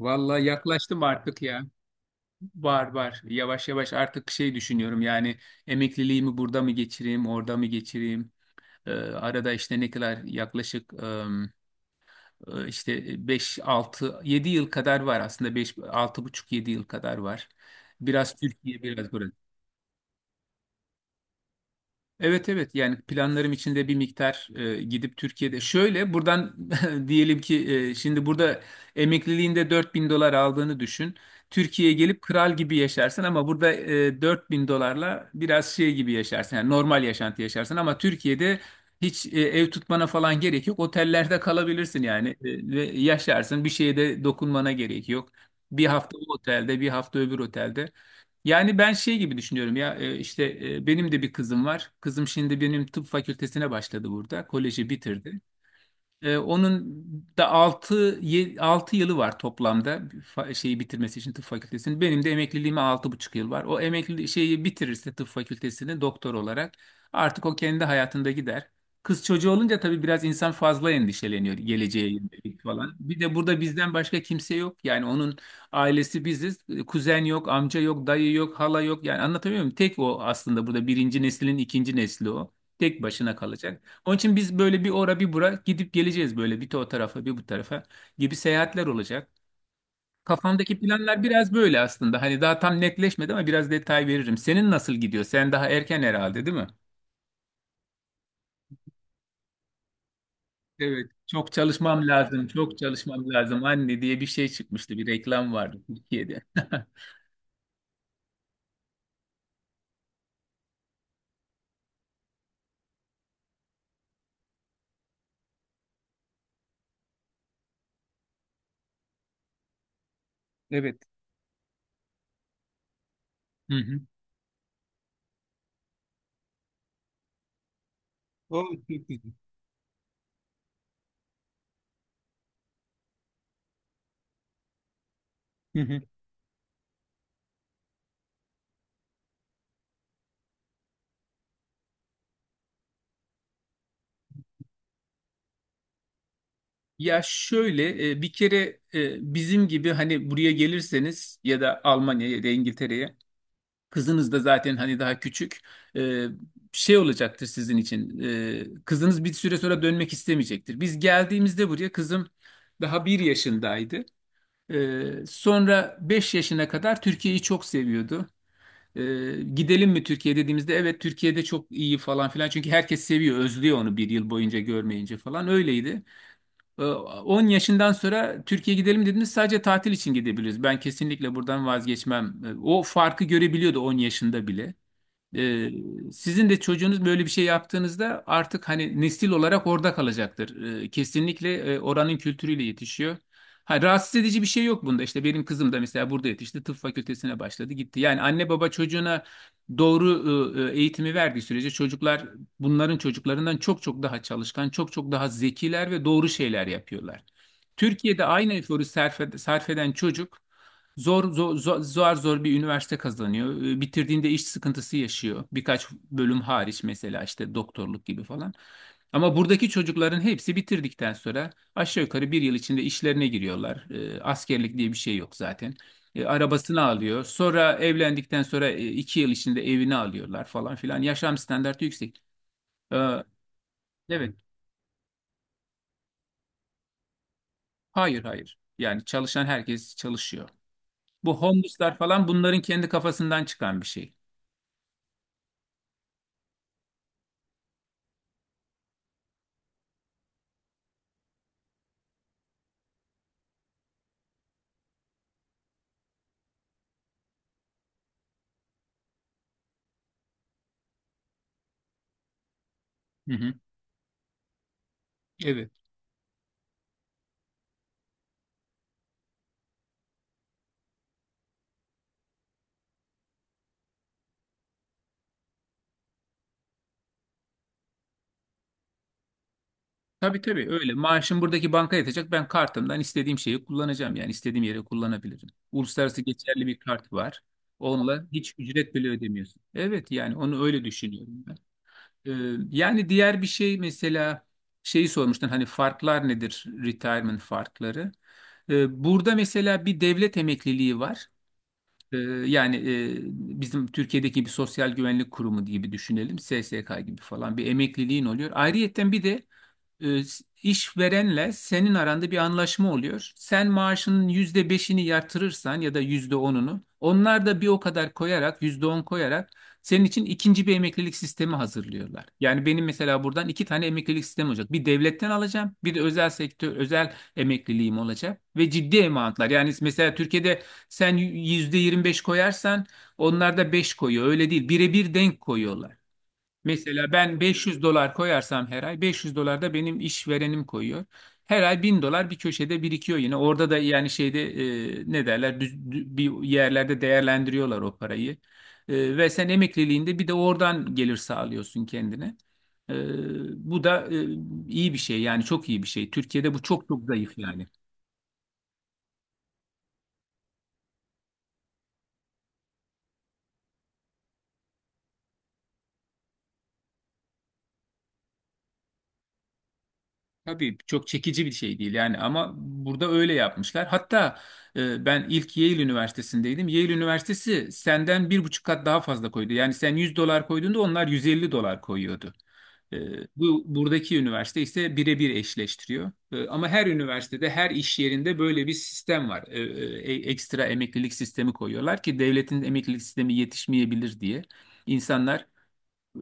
Vallahi yaklaştım artık ya. Var var. Yavaş yavaş artık şey düşünüyorum yani emekliliğimi burada mı geçireyim, orada mı geçireyim? Arada işte ne kadar yaklaşık işte 5 6 7 yıl kadar var aslında. Beş altı buçuk yedi yıl kadar var. Biraz Türkiye, biraz burası. Evet evet, yani planlarım içinde bir miktar gidip Türkiye'de şöyle buradan diyelim ki şimdi burada emekliliğinde $4.000 aldığını düşün. Türkiye'ye gelip kral gibi yaşarsın, ama burada $4.000'la biraz şey gibi yaşarsın, yani normal yaşantı yaşarsın. Ama Türkiye'de hiç ev tutmana falan gerek yok. Otellerde kalabilirsin yani, ve yaşarsın, bir şeye de dokunmana gerek yok. Bir hafta o otelde, bir hafta öbür otelde. Yani ben şey gibi düşünüyorum ya, işte, benim de bir kızım var. Kızım şimdi benim tıp fakültesine başladı burada. Koleji bitirdi. Onun da 6 yılı var toplamda şeyi bitirmesi için, tıp fakültesini. Benim de emekliliğime 6,5 yıl var. O emekli şeyi bitirirse, tıp fakültesini doktor olarak, artık o kendi hayatında gider. Kız çocuğu olunca tabii biraz insan fazla endişeleniyor geleceğe yönelik falan. Bir de burada bizden başka kimse yok. Yani onun ailesi biziz. Kuzen yok, amca yok, dayı yok, hala yok. Yani anlatabiliyor muyum? Tek o aslında, burada birinci neslin ikinci nesli o. Tek başına kalacak. Onun için biz böyle bir ora bir bura gidip geleceğiz, böyle bir de o tarafa bir bu tarafa gibi seyahatler olacak. Kafamdaki planlar biraz böyle aslında. Hani daha tam netleşmedi ama biraz detay veririm. Senin nasıl gidiyor? Sen daha erken herhalde, değil mi? Evet. Çok çalışmam lazım, çok çalışmam lazım anne diye bir şey çıkmıştı. Bir reklam vardı Türkiye'de. Evet. Hı hı. O çok güzel. Hı hı. Ya şöyle, bir kere bizim gibi hani buraya gelirseniz ya da Almanya'ya ya da İngiltere'ye, kızınız da zaten hani daha küçük. Ee, şey olacaktır sizin için. Kızınız bir süre sonra dönmek istemeyecektir. Biz geldiğimizde buraya kızım daha 1 yaşındaydı. Sonra 5 yaşına kadar Türkiye'yi çok seviyordu. Gidelim mi Türkiye dediğimizde evet, Türkiye'de çok iyi falan filan. Çünkü herkes seviyor, özlüyor onu 1 yıl boyunca görmeyince falan. Öyleydi. 10 yaşından sonra Türkiye gidelim dediğimiz sadece tatil için gidebiliriz. Ben kesinlikle buradan vazgeçmem. O farkı görebiliyordu 10 yaşında bile. Ee, sizin de çocuğunuz böyle bir şey yaptığınızda artık hani nesil olarak orada kalacaktır. Kesinlikle oranın kültürüyle yetişiyor. Ha, rahatsız edici bir şey yok bunda. İşte benim kızım da mesela burada yetişti. Tıp fakültesine başladı, gitti. Yani anne baba çocuğuna doğru eğitimi verdiği sürece, çocuklar bunların çocuklarından çok çok daha çalışkan, çok çok daha zekiler ve doğru şeyler yapıyorlar. Türkiye'de aynı eforu sarf eden çocuk zor, zor, zor, zor zor bir üniversite kazanıyor. Bitirdiğinde iş sıkıntısı yaşıyor. Birkaç bölüm hariç, mesela işte doktorluk gibi falan. Ama buradaki çocukların hepsi bitirdikten sonra aşağı yukarı 1 yıl içinde işlerine giriyorlar. Askerlik diye bir şey yok zaten. Arabasını alıyor. Sonra evlendikten sonra 2 yıl içinde evini alıyorlar falan filan. Yaşam standartı yüksek. Ee, evet. Hayır hayır. Yani çalışan herkes çalışıyor. Bu homeless'lar falan bunların kendi kafasından çıkan bir şey. Hı hı. Evet. Tabii tabii, öyle. Maaşım buradaki banka yatacak. Ben kartımdan istediğim şeyi kullanacağım. Yani istediğim yere kullanabilirim. Uluslararası geçerli bir kart var. Onunla hiç ücret bile ödemiyorsun. Evet, yani onu öyle düşünüyorum ben. Ee, yani diğer bir şey mesela, şeyi sormuştun hani farklar nedir? Retirement farkları. Burada mesela bir devlet emekliliği var. Ee, yani bizim Türkiye'deki bir sosyal güvenlik kurumu gibi düşünelim. SSK gibi falan bir emekliliğin oluyor. Ayrıyetten bir de e, işverenle senin aranda bir anlaşma oluyor. Sen maaşının %5'ini yatırırsan ya da %10'unu, onlar da bir o kadar koyarak, %10 koyarak senin için ikinci bir emeklilik sistemi hazırlıyorlar. Yani benim mesela buradan iki tane emeklilik sistemi olacak. Bir devletten alacağım, bir de özel sektör, özel emekliliğim olacak ve ciddi emalatlar. Yani mesela Türkiye'de sen %25 koyarsan, onlar da beş koyuyor. Öyle değil, birebir denk koyuyorlar. Mesela ben 500 dolar koyarsam, her ay 500 dolar da benim işverenim koyuyor. Her ay $1.000 bir köşede birikiyor yine. Orada da yani şeyde, ne derler, bir yerlerde değerlendiriyorlar o parayı. Ve sen emekliliğinde bir de oradan gelir sağlıyorsun kendine. E, bu da iyi bir şey, yani çok iyi bir şey. Türkiye'de bu çok çok zayıf yani. Tabii çok çekici bir şey değil yani, ama burada öyle yapmışlar. Hatta ben ilk Yale Üniversitesi'ndeydim. Yale Üniversitesi senden 1,5 kat daha fazla koydu. Yani sen 100 dolar koyduğunda, onlar 150 dolar koyuyordu. E, bu buradaki üniversite ise birebir eşleştiriyor. Ama her üniversitede, her iş yerinde böyle bir sistem var. Ekstra emeklilik sistemi koyuyorlar ki devletin emeklilik sistemi yetişmeyebilir diye. İnsanlar.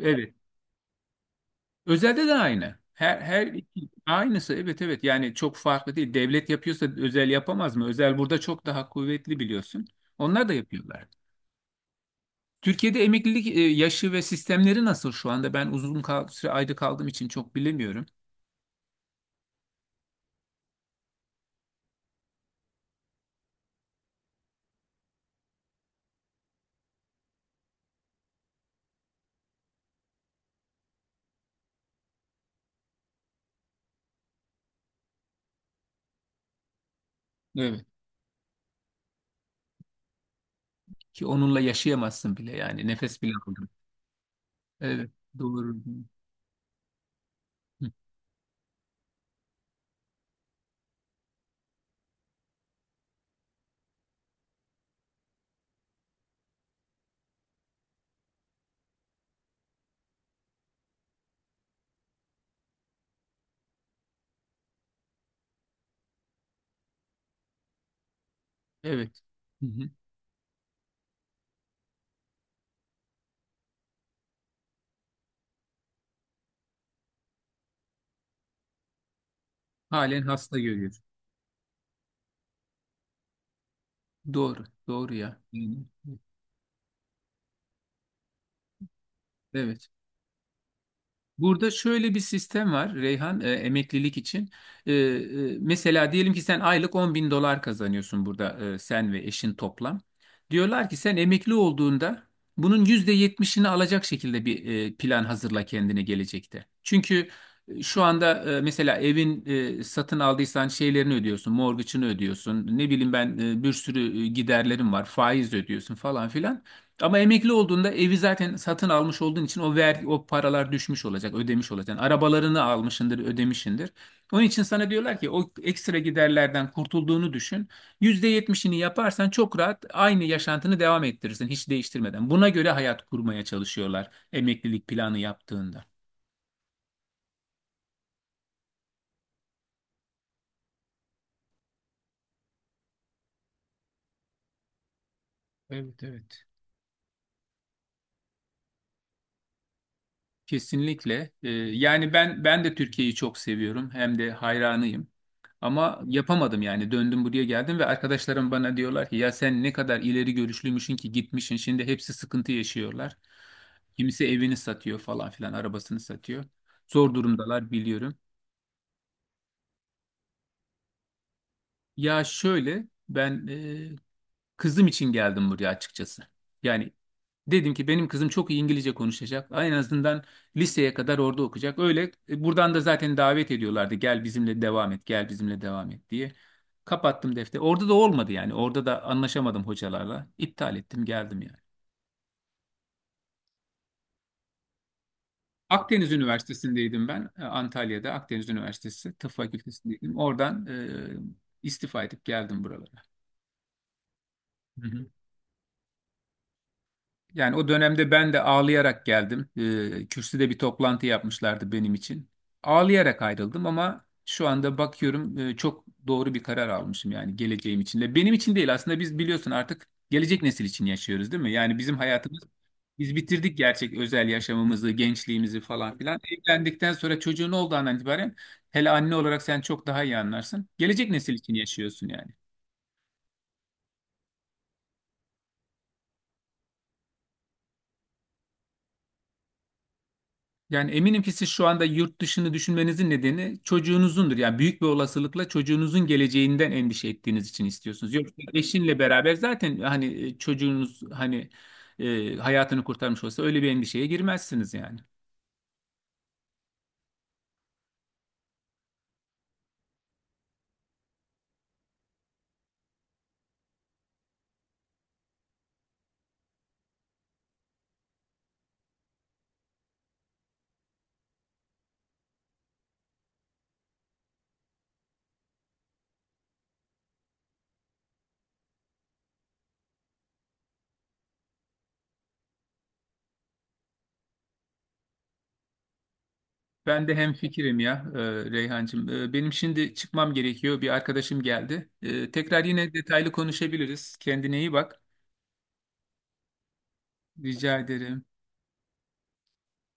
Evet, evet. Özelde de aynı. Her aynısı, evet evet, yani çok farklı değil. Devlet yapıyorsa özel yapamaz mı? Özel burada çok daha kuvvetli, biliyorsun. Onlar da yapıyorlar. Türkiye'de emeklilik yaşı ve sistemleri nasıl şu anda? Ben uzun süre ayda kaldığım için çok bilemiyorum. Evet. Ki onunla yaşayamazsın bile, yani nefes bile aldım. Evet, doğru. Hı. Evet. Hı hı. Halen hasta görüyor. Doğru doğru ya. Yani. Evet. Burada şöyle bir sistem var Reyhan, emeklilik için. Mesela diyelim ki sen aylık $10.000 kazanıyorsun burada, sen ve eşin toplam. Diyorlar ki sen emekli olduğunda bunun %70'ini alacak şekilde bir plan hazırla kendine, gelecekte. Çünkü şu anda mesela evin satın aldıysan şeylerini ödüyorsun, mortgage'ını ödüyorsun. Ne bileyim ben, bir sürü giderlerim var, faiz ödüyorsun falan filan. Ama emekli olduğunda evi zaten satın almış olduğun için, o vergi, o paralar düşmüş olacak, ödemiş olacaksın. Arabalarını almışındır, ödemişindir. Onun için sana diyorlar ki o ekstra giderlerden kurtulduğunu düşün. %70'ini yaparsan çok rahat aynı yaşantını devam ettirirsin hiç değiştirmeden. Buna göre hayat kurmaya çalışıyorlar emeklilik planı yaptığında. Evet, evet. Kesinlikle. Yani ben de Türkiye'yi çok seviyorum, hem de hayranıyım. Ama yapamadım yani, döndüm buraya geldim ve arkadaşlarım bana diyorlar ki ya sen ne kadar ileri görüşlüymüşsün ki gitmişsin, şimdi hepsi sıkıntı yaşıyorlar. Kimisi evini satıyor falan filan, arabasını satıyor. Zor durumdalar, biliyorum. Ya şöyle, ben kızım için geldim buraya, açıkçası. Yani dedim ki benim kızım çok iyi İngilizce konuşacak. En azından liseye kadar orada okuyacak. Öyle, buradan da zaten davet ediyorlardı. Gel bizimle devam et, gel bizimle devam et diye. Kapattım defteri. Orada da olmadı yani. Orada da anlaşamadım hocalarla. İptal ettim, geldim yani. Akdeniz Üniversitesi'ndeydim ben. Antalya'da Akdeniz Üniversitesi Tıp Fakültesindeydim. Oradan istifa edip geldim buralara. Hı hı. Yani o dönemde ben de ağlayarak geldim. Kürsüde bir toplantı yapmışlardı benim için. Ağlayarak ayrıldım, ama şu anda bakıyorum çok doğru bir karar almışım yani, geleceğim için de. Benim için değil aslında, biz biliyorsun artık gelecek nesil için yaşıyoruz, değil mi? Yani bizim hayatımız, biz bitirdik gerçek özel yaşamımızı, gençliğimizi falan filan. Evlendikten sonra çocuğun olduğu andan itibaren, hele anne olarak sen çok daha iyi anlarsın. Gelecek nesil için yaşıyorsun yani. Yani eminim ki siz şu anda yurt dışını düşünmenizin nedeni çocuğunuzundur. Yani büyük bir olasılıkla çocuğunuzun geleceğinden endişe ettiğiniz için istiyorsunuz. Yoksa eşinle beraber zaten hani, çocuğunuz hani hayatını kurtarmış olsa öyle bir endişeye girmezsiniz yani. Ben de hemfikirim ya, Reyhancığım. Benim şimdi çıkmam gerekiyor. Bir arkadaşım geldi. Tekrar yine detaylı konuşabiliriz. Kendine iyi bak. Rica ederim.